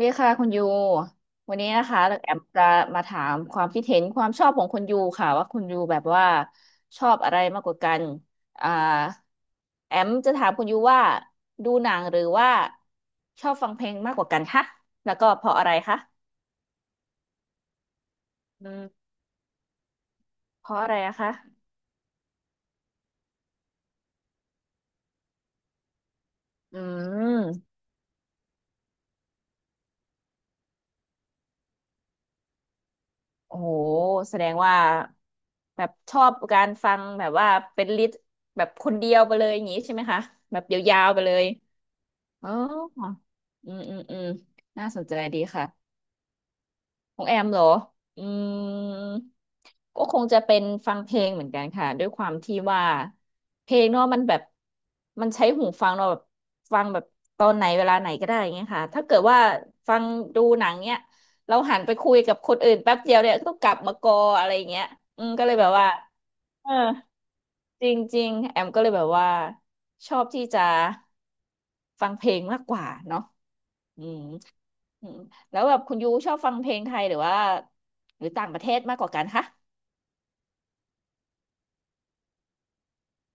ดีค่ะคุณยูวันนี้นะคะแอมจะมาถามความคิดเห็นความชอบของคุณยูค่ะว่าคุณยูแบบว่าชอบอะไรมากกว่ากันอ่าแอมจะถามคุณยูว่าดูหนังหรือว่าชอบฟังเพลงมากกว่ากันคะแล้วก็เพราะอะไรคะอืมเพราะอะไรอะคะอืมโอ้โหแสดงว่าแบบชอบการฟังแบบว่าเป็นลิสต์แบบคนเดียวไปเลยอย่างนี้ใช่ไหมคะแบบยาวๆไปเลย อ๋ออืมอืมอืมน่าสนใจดีค่ะของแอมเหรออืมก็คงจะเป็นฟังเพลงเหมือนกันค่ะด้วยความที่ว่าเพลงเนาะมันแบบ มันใช้หูฟังเราะแบบฟังแบบตอนไหนเวลาไหนก็ได้อย่างเงี้ยค่ะถ้าเกิดว่าฟังดูหนังเนี้ยเราหันไปคุยกับคนอื่นแป๊บเดียวเนี่ยก็ต้องกลับมากออะไรอย่างเงี้ยอืมก็เลยแบบว่าเออจริงๆแอมก็เลยแบบว่าชอบที่จะฟังเพลงมากกว่าเนาะ อืมอืมแล้วแบบคุณยูชอบฟังเพลงไทยหรือว่าหรือต่างประเทศมากกว่ากันคะ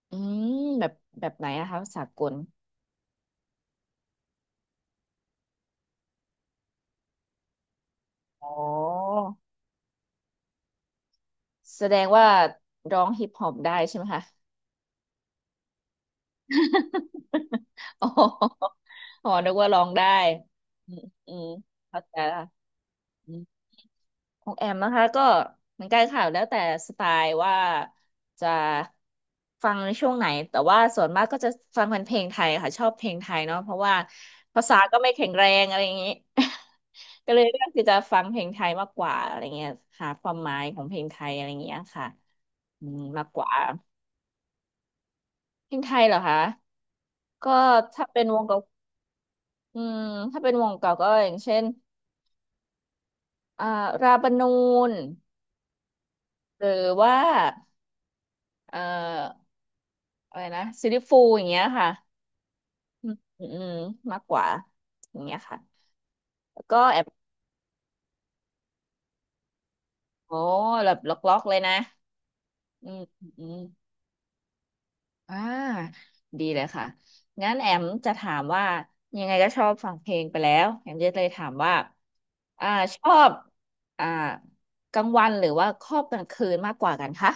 อืมแบบแบบไหนนะคะสากลอ๋อแสดงว่าร้องฮิปฮอปได้ใช่ไหมคะ อ๋ออ๋อนึกว่าร้องได้อืมอืมเข้าใจละ ของแอมนะคะก็เหมือนกันค่ะแล้วแต่สไตล์ว่าจะฟังในช่วงไหนแต่ว่าส่วนมากก็จะฟังเป็นเพลงไทยค่ะชอบเพลงไทยเนาะเพราะว่าภาษาก็ไม่แข็งแรงอะไรอย่างนี้ ก็เลยเลือกที่จะฟังเพลงไทยมากกว่าอะไรเงี้ยหาความหมายของเพลงไทยอะไรอย่างเงี้ยค่ะอืมมากกว่าเพลงไทยเหรอคะก็ถ้าเป็นวงเก่าอืมถ้าเป็นวงเก่าก็อย่างเช่นอ่าราบานูนหรือว่าเอ่อ อะไรนะซีรี่ฟูลอย่างเงี้ยค่ะอืมอืมอืมมากกว่าอย่างเงี้ยค่ะแล้วก็แอบโอ้แบบล็อกล็อกเลยนะอืมอืมอมอ่าดีเลยค่ะงั้นแอมจะถามว่ายังไงก็ชอบฟังเพลงไปแล้วแอมจะเลยถามว่าอ่าชอบอ่ากลางวันหรือว่าชอบกลางคืนมากกว่ากันคะ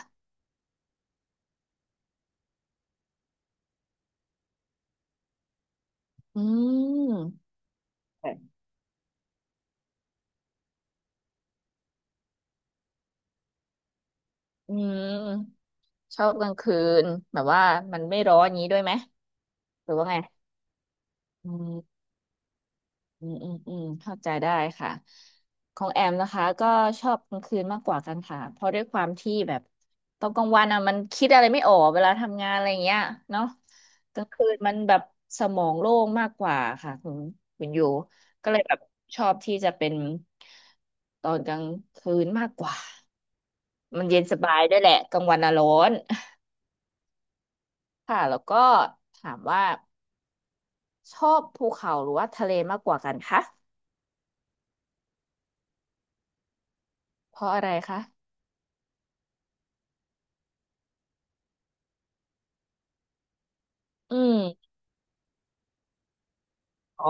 อืมอืมชอบกลางคืนแบบว่ามันไม่ร้อนอย่างนี้ด้วยไหมหรือว่าไงอื อืมอืมอืมเข้าใจได้ค่ะของแอมนะคะก็ชอบกลางคืนมากกว่ากันค่ะเพราะด้วยความที่แบบตอนกลางวันอ่ะมันคิดอะไรไม่ออกเวลาทำงานอะไรอย่างเงี้ยเนาะกลางคืนมันแบบสมองโล่งมากกว่าค่ะคุณอยู่ก็เลยแบบชอบที่จะเป็นตอนกลางคืนมากกว่ามันเย็นสบายด้วยแหละกลางวันอ่ะร้อนค่ะแล้วก็ถามว่าชอบภูเขาหรือว่าทะเลมากกว่ากันคะเพราะอะไรคะอืมอ๋อ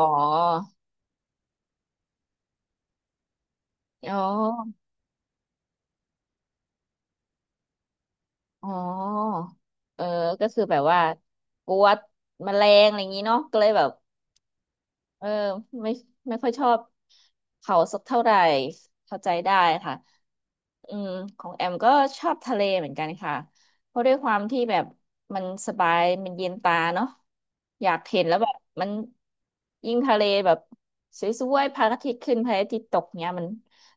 อ๋ออ๋อเออก็คือแบบว่ากลัวแมลงอะไรอย่างนี้เนาะก็เลยแบบเออไม่ไม่ค่อยชอบเขาสักเท่าไหร่เข้าใจได้ค่ะอืมของแอมก็ชอบทะเลเหมือนกันค่ะเพราะด้วยความที่แบบมันสบายมันเย็นตาเนาะอยากเห็นแล้วแบบมันยิ่งทะเลแบบสวยๆพระอาทิตย์ขึ้นพระอาทิตย์ตกเนี้ยมัน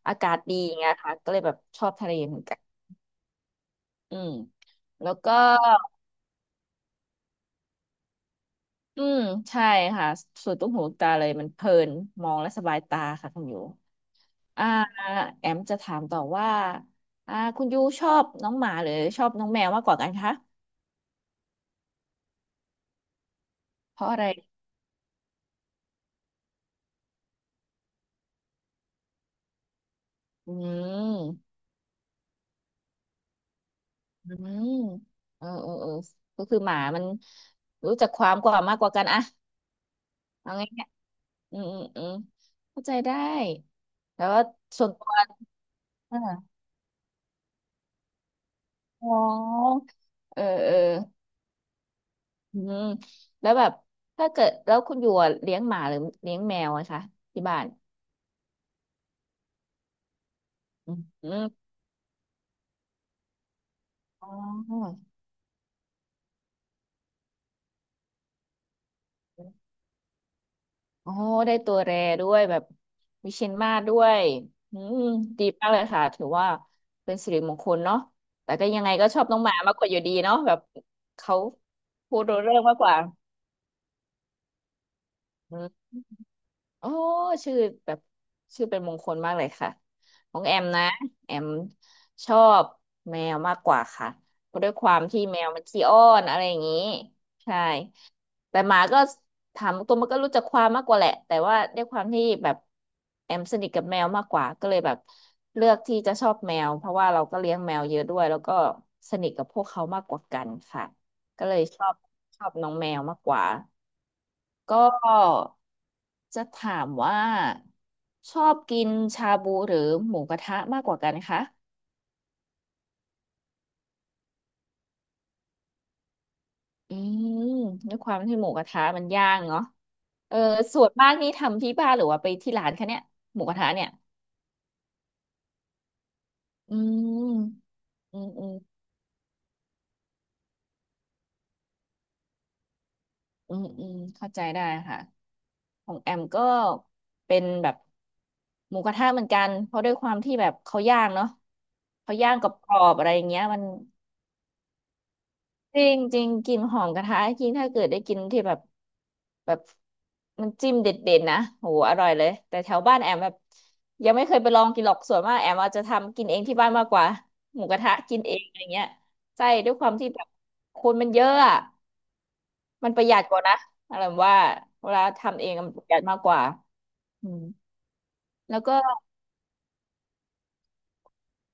อากาศดีอย่างเงี้ยค่ะก็เลยแบบชอบทะเลเหมือนกันอืมแล้วก็ อืมใช่ค่ะส่ดนตุ้หูลูกตาเลยมันเพลินมองและสบายตาค่ะคุณยูอ่าแอมจะถามต่อว่าคุณยูชอบน้องหมาหรือชอบน้องแมวมากกว่ากันคะเพราะอะไรอืมอืมเออเออเออก็คือหมามันรู้จักความกว่ามากกว่ากันอะเอาง่ายๆอืมอืมอืมเข้าใจได้แล้วว่าส่วนตัวอ่าอ๋อเออเออ อืมแล้วแบบถ้าเกิดแล้วคุณอยู่อะเลี้ยงหมาหรือเลี้ยงแมวอะคะที่บ้านอืมอมอ๋ออ๋อได้ตัวแรด้วยแบบวิเชียรมาศด้วยอืมดีมากเลยค่ะถือว่าเป็นสิริมงคลเนาะแต่ก็ยังไงก็ชอบน้องหมามากกว่าอยู่ดีเนาะแบบเขาพูดรู้เรื่องมากกว่าอื โอ้ชื่อแบบชื่อเป็นมงคลมากเลยค่ะของแอมนะแอมชอบแมวมากกว่าค่ะเพราะด้วยความที่แมวมันขี้อ้อนอะไรอย่างนี้ใช่แต่หมาก็ถามตัวมันก็รู้จักความมากกว่าแหละแต่ว่าด้วยความที่แบบแอมสนิทกับแมวมากกว่าก็เลยแบบเลือกที่จะชอบแมวเพราะว่าเราก็เลี้ยงแมวเยอะด้วยแล้วก็สนิทกับพวกเขามากกว่ากันค่ะก็เลยชอบน้องแมวมากกว่า ก็จะถามว่าชอบกินชาบูหรือหมูกระทะมากกว่ากันคะอืมด้วยความที่หมูกระทะมันย่างเนาะเออส่วนมากนี่ทำที่บ้านหรือว่าไปที่ร้านคะเนี่ยหมูกระทะเนี่ยอืมอืมอืมอืมอืมเข้าใจได้ค่ะของแอมก็เป็นแบบหมูกระทะเหมือนกันเพราะด้วยความที่แบบเขาย่างเนาะเขาย่างกรอบๆอะไรอย่างเงี้ยมัน จริงจริงกลิ่นหอมกระทะจริงถ้าเกิดได้กินที่แบบแบบมันจิ้มเด็ดๆนะโหอร่อยเลยแต่แถวบ้านแอมแบบยังไม่เคยไปลองกินหรอกส่วนมากแอมอาจจะทำกินเองที่บ้านมากกว่าหมูกระทะกินเองอะไรเงี้ยใช่ด้วยความที่แบบคนมันเยอะอะมันประหยัดกว่านะอะไรว่าเวลาทำเองมันประหยัดมากกว่าอืมแล้วก็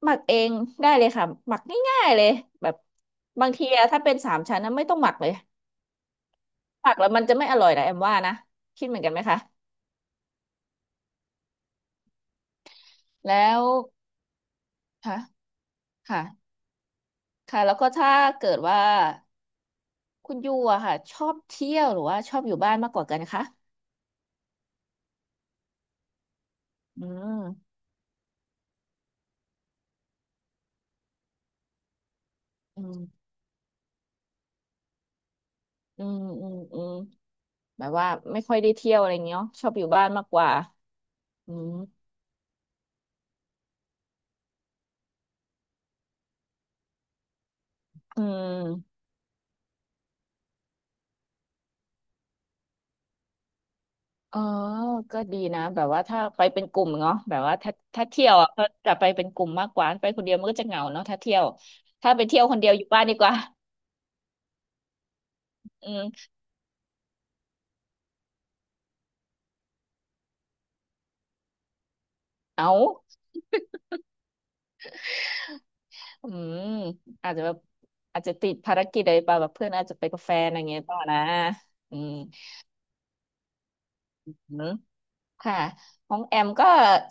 หมักเองได้เลยค่ะหมักง่ายๆเลยแบบบางทีอะถ้าเป็นสามชั้นนะไม่ต้องหมักเลย ผักแล้วมันจะไม่อร่อยนะแอมว่านะคิดเหมือนกันไหมคะแล้วค่ะค่ะค่ะแล้วก็ถ้าเกิดว่าคุณยูอะค่ะชอบเที่ยวหรือว่าชอบอยู่บ้านมากกว่ากันคะอืมอืมอืมอืมอืมแบบว่าไม่ค่อยได้เที่ยวอะไรเงี้ยเนอะชอบอยู่บ้านมากกว่าอืมอืมอ๋อก็ดีนะแบบว่าถ้าไปเป็นกลุ่มเนาะแบบว่าถ้าเที่ยวอ่ะก็จะไปเป็นกลุ่มมากกว่าไปคนเดียวมันก็จะเหงาเนาะถ้าเที่ยวถ้าไปเที่ยวคนเดียวอยู่บ้านดีกว่าอืมเอา อืมอาจจะแบบอาจจะติดภารกิจอะไรป่ะแบบเพื่อนอาจจะไปกับแฟนอะไรเงี้ยต่อนะอืมอืมค่ะของแอมก็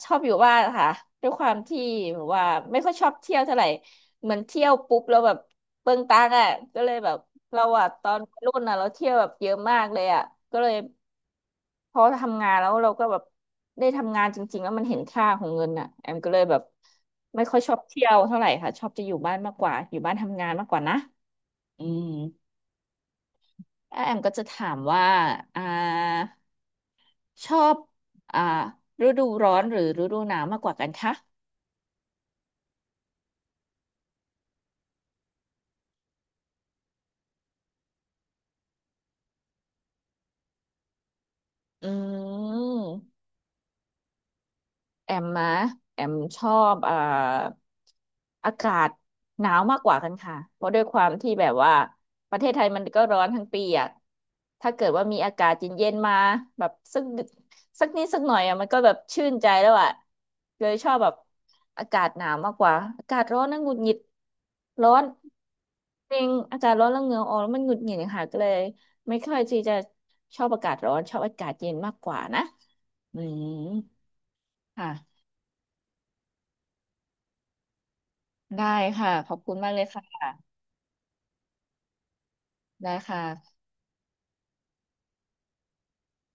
ชอบอยู่บ้านค่ะด้วยความที่แบบว่าไม่ค่อยชอบเที่ยวเท่าไหร่เหมือนเที่ยวปุ๊บแล้วแบบเปลืองตังค์อ่ะก็เลยแบบเราอะตอนวัยรุ่นอ่ะเราเที่ยวแบบเยอะมากเลยอ่ะก็เลยพอทำงานแล้วเราก็แบบได้ทำงานจริงๆแล้วมันเห็นค่าของเงินอ่ะแอมก็เลยแบบไม่ค่อยชอบเที่ยวเท่าไหร่ค่ะชอบจะอยู่บ้านมากกว่าอยู่บ้านทำงานมากกว่านะอืม แล้วแอมก็จะถามว่าอ่าชอบอ่าฤดูร้อนหรือฤดูหนาวมากกว่ากันคะอืม แอมนะแอมชอบอากาศหนาวมากกว่ากันค่ะเพราะด้วยความที่แบบว่าประเทศไทยมันก็ร้อนทั้งปีอ่ะถ้าเกิดว่ามีอากาศเย็นๆมาแบบสักนิดสักหน่อยอ่ะมันก็แบบชื่นใจแล้วอะเลยชอบแบบอากาศหนาวมากกว่าอากาศร้อนนั่งหงุดหงิดร้อนจริงอากาศร้อนแล้วเหงื่อออกแล้วมันหงุดหงิดค่ะก็เลยไม่ค่อยที่จะชอบอากาศร้อนชอบอากาศเย็นมากกว่านะอืมค่ะ ได้ค่ะ ขอบคุณมากเลยค่ะ ได้ค่ะ